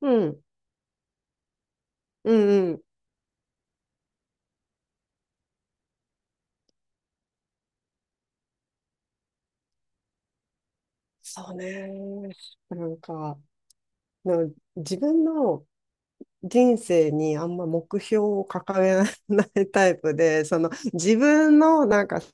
うん、うんうん。そうね。なんか、なんか自分の人生にあんま目標を掲げないタイプで、その自分のなんか好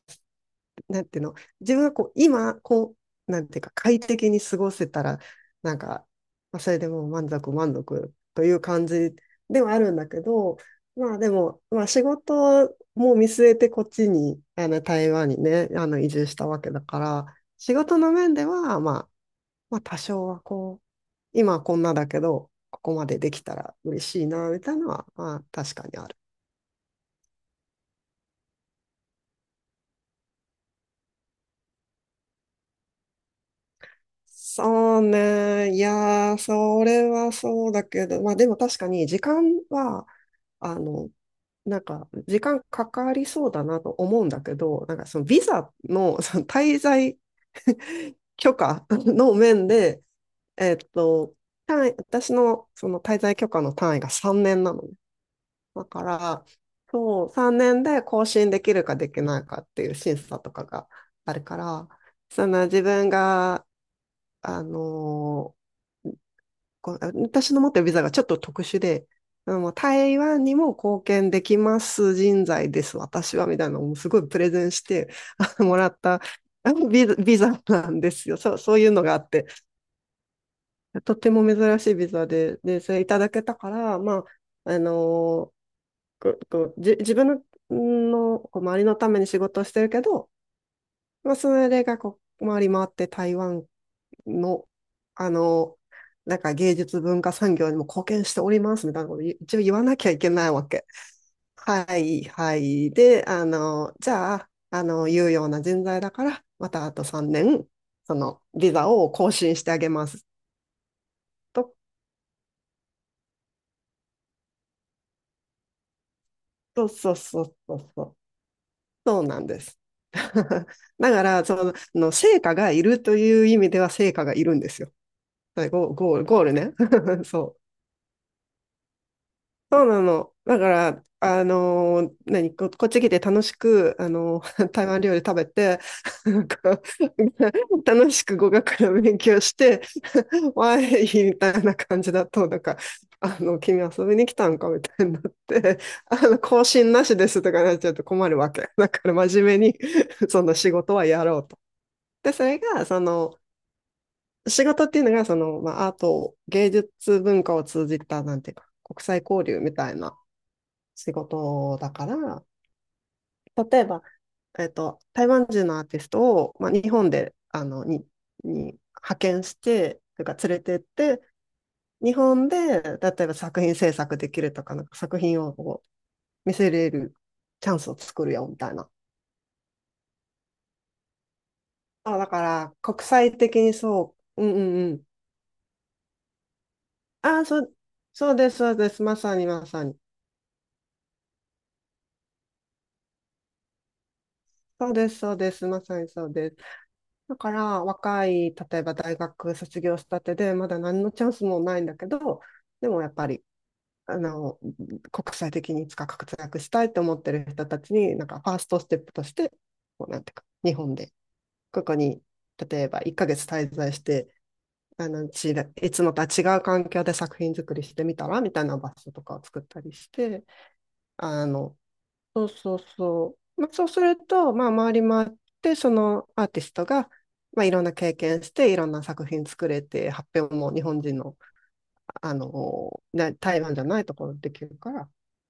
なんていうの、自分がこう、今、なんていうか、快適に過ごせたら、なんか、まあ、それでもう満足満足という感じではあるんだけど、まあでも、まあ仕事も見据えてこっちに、あの台湾にね、あの移住したわけだから、仕事の面では、まあ、まあ多少はこう、今はこんなだけど、ここまでできたら嬉しいな、みたいなのは、まあ確かにある。そうね。いやー、それはそうだけど、まあでも確かに時間は、あの、なんか時間かかりそうだなと思うんだけど、なんかそのビザの、その滞在許可 の面で、えっと、単位、私のその滞在許可の単位が3年なのね。だから、そう、3年で更新できるかできないかっていう審査とかがあるから、その自分が、あのーこう私の持ってるビザがちょっと特殊で、あの台湾にも貢献できます人材です、私は、みたいなのをすごいプレゼンして あのもらったビザなんですよ。そう、そういうのがあって、とても珍しいビザで、で、それいただけたから、まあ、あのこうこうじ、自分の、のこう周りのために仕事をしてるけど、まあ、それがこう回り回って台湾の、あの、なんか芸術文化産業にも貢献しておりますみたいなこと一応言わなきゃいけないわけ。はいはい。で、あの、じゃあ、あの、有用な人材だから、またあと3年、その、ビザを更新してあげます。と、そうそうそうそう。そうなんです。だから、その、の成果がいるという意味では成果がいるんですよ。ゴゴールね。そう。そうなの。だから、あのー何、こっち来て楽しく、あのー 台湾料理食べて、なんか 楽しく語学の勉強して、わーい、みたいな感じだと、なんか、あの、君遊びに来たんかみたいになって、あの、更新なしですとかなっちゃうと困るわけ。だから真面目に、その仕事はやろうと。で、それが、その、仕事っていうのが、その、まあ、アート、芸術文化を通じた、なんていうか、国際交流みたいな、仕事だから、例えば、えっと、台湾人のアーティストを、まあ、日本で、あの、に派遣して、というか連れてって、日本で、例えば作品制作できるとか、なんか作品をこう見せれるチャンスを作るよ、みたいな。あ、だから、国際的にそう、うんうんうん。あ、そう、そうです、そうです、まさにまさに。そうです、そうです、まさにそうです。だから若い、例えば大学卒業したてで、まだ何のチャンスもないんだけど、でもやっぱり、あの、国際的にいつか活躍したいと思ってる人たちに、なんかファーストステップとして、こうなんていうか、日本で、ここに、例えば1ヶ月滞在して、あの、いつもとは違う環境で作品作りしてみたらみたいな場所とかを作ったりして、あの、そうそうそう。まあ、そうすると、まあ、回り回って、そのアーティストが、まあ、いろんな経験して、いろんな作品作れて、発表も日本人の、あの、台湾じゃないところでできるから、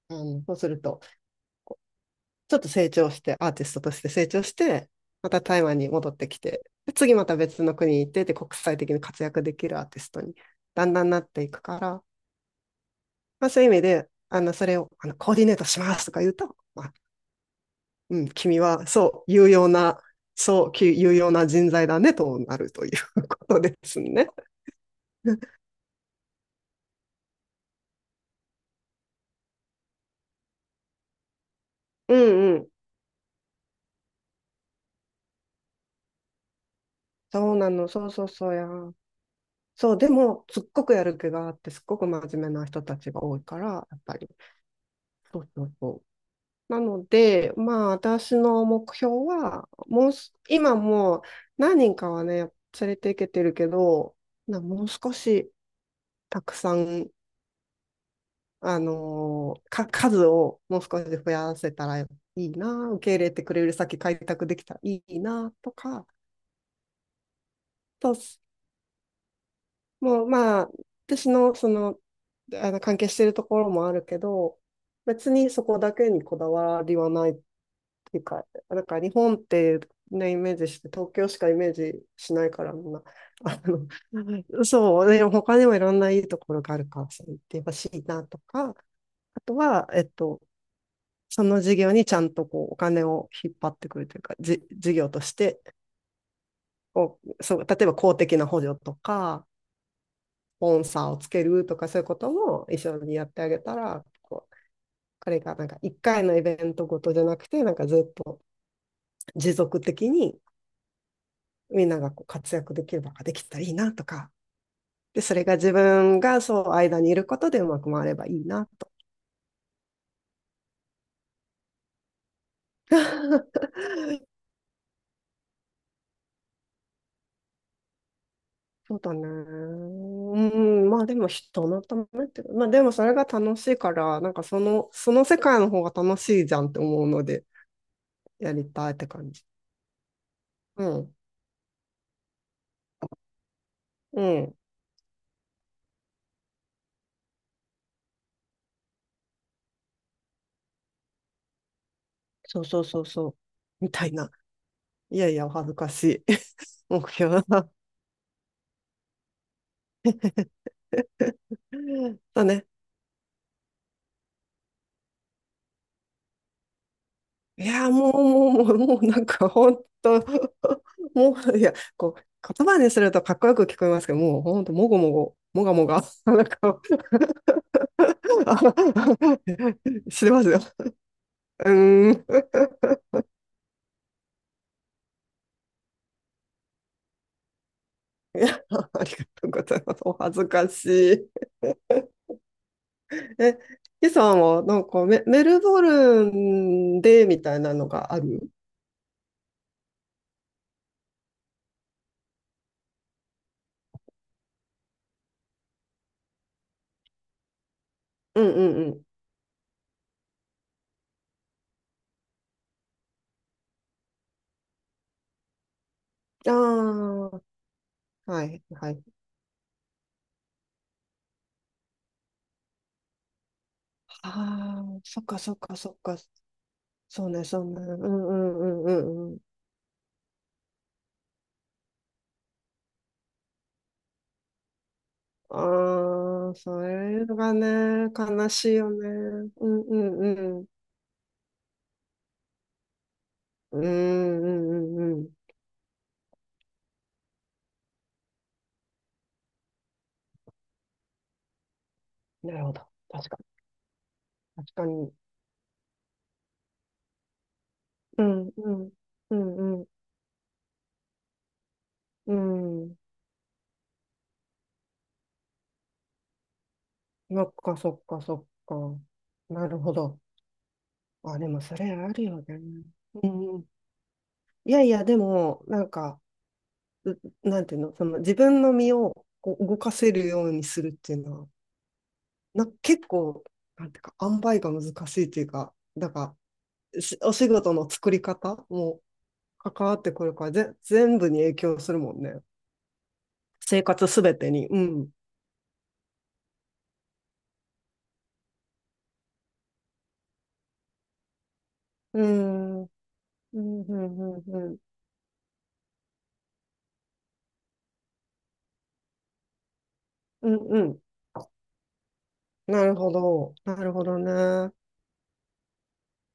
うん、そうすると、ちょっと成長して、アーティストとして成長して、また台湾に戻ってきて、で次また別の国に行って、で、国際的に活躍できるアーティストに、だんだんなっていくから、まあ、そういう意味で、あの、それを、あの、コーディネートしますとか言うと、まあ、うん、君は、そう、有用な、そう、有用な人材だね、となるという ことですね。うんうん。そうなの。そうそうそうや。そう、でも、すっごくやる気があって、すっごく真面目な人たちが多いから、やっぱり。そうそうそう。なので、まあ、私の目標は、もうす、今もう何人かはね、連れていけてるけど、もう少し、たくさんあのーか、数をもう少し増やせたらいいな、受け入れてくれる先開拓できたらいいなとか、と、もうまあ、私のその、あの関係しているところもあるけど、別にそこだけにこだわりはないっていうか、なんか日本ってね、イメージして、東京しかイメージしないから、みんな、あの、そう、でも他にもいろんないいところがあるから、それってほしいなとか、あとは、えっと、その事業にちゃんとこうお金を引っ張ってくるというか、事業としてこうそう、例えば公的な補助とか、スポンサーをつけるとか、そういうことも一緒にやってあげたら、こう彼がなんか1回のイベントごとじゃなくて、なんかずっと持続的にみんながこう活躍できる場ができたらいいなとか、で、それが自分がそう間にいることでうまく回ればいいなと。 そうだね。うん、まあでも人のためってまあでもそれが楽しいから、なんかその、その世界の方が楽しいじゃんって思うので、やりたいって感じ。うん、うん、そうそうそうそう、みたいな。いやいや、お恥ずかしい 目標だ。だね。いやもう、もう、もう、もう、なんか、ほんともう、いや、こう、言葉にするとかっこよく聞こえますけど、もう、ほんと、もごもご、もがもが、なんかあ 知ってますよ。うーん。いや、ありがとうございます。お恥ずかしい。え、ヒさんはなんかメルボルンでみたいなのがある？うんうんうん。ああ、はい、はい。ああ、そっかそっかそっか。そうね、そうね。うんうんうんうんうん。ああ、それがね、悲しいよね。うんうんうん。うんうんうんうん。なるほど。確かに。確かに。うんうん。うんうん。うん。そっか、そっか、そっか。なるほど。あ、でもそれあるよね。うん。いやいや、でも、なんか、うなんていうの、その自分の身をこう動かせるようにするっていうのは、結構、なんていうか、塩梅が難しいっていうか、なんか、お仕事の作り方も関わってくるから、全部に影響するもんね。生活すべてに。うん。うん。うん、うん、うん、うん。うん、うん。なるほど。なるほどね。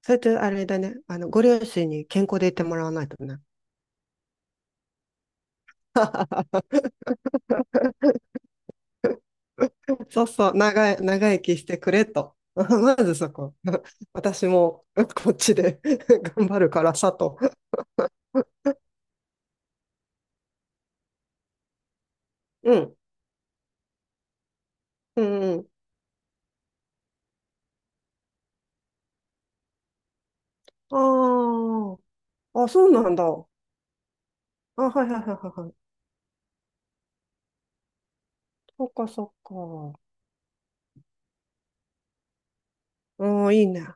それとあれだね、あの、ご両親に健康でいてもらわないとね。そうそう、長生きしてくれと。まずそこ。私もこっちで 頑張るからさと。うん、うん、うん。ああ、あ、そうなんだ。あ、はいはいはいはいはい。そっかそっか。うん、いいね。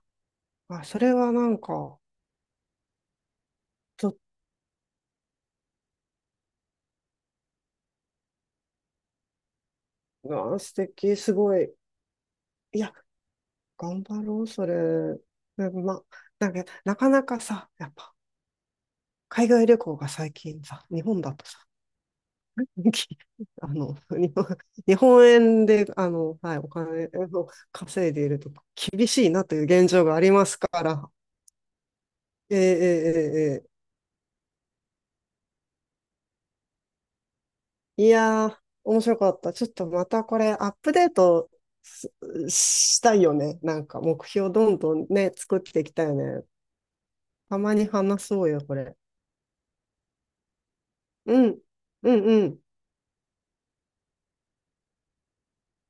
あ、それはなんか、ちょっと、あ素敵、すごい。いや、頑張ろう、それ。でもま、なんか、なかなかさ、やっぱ、海外旅行が最近さ、日本だとさ、あの、日本円で、あの、はい、お金を稼いでいると厳しいなという現状がありますから。ええええええ。いやー、面白かった。ちょっとまたこれアップデートすしたいよね。なんか目標どんどんね、作っていきたいよね。たまに話そうよ、これ。うん、うん、うん。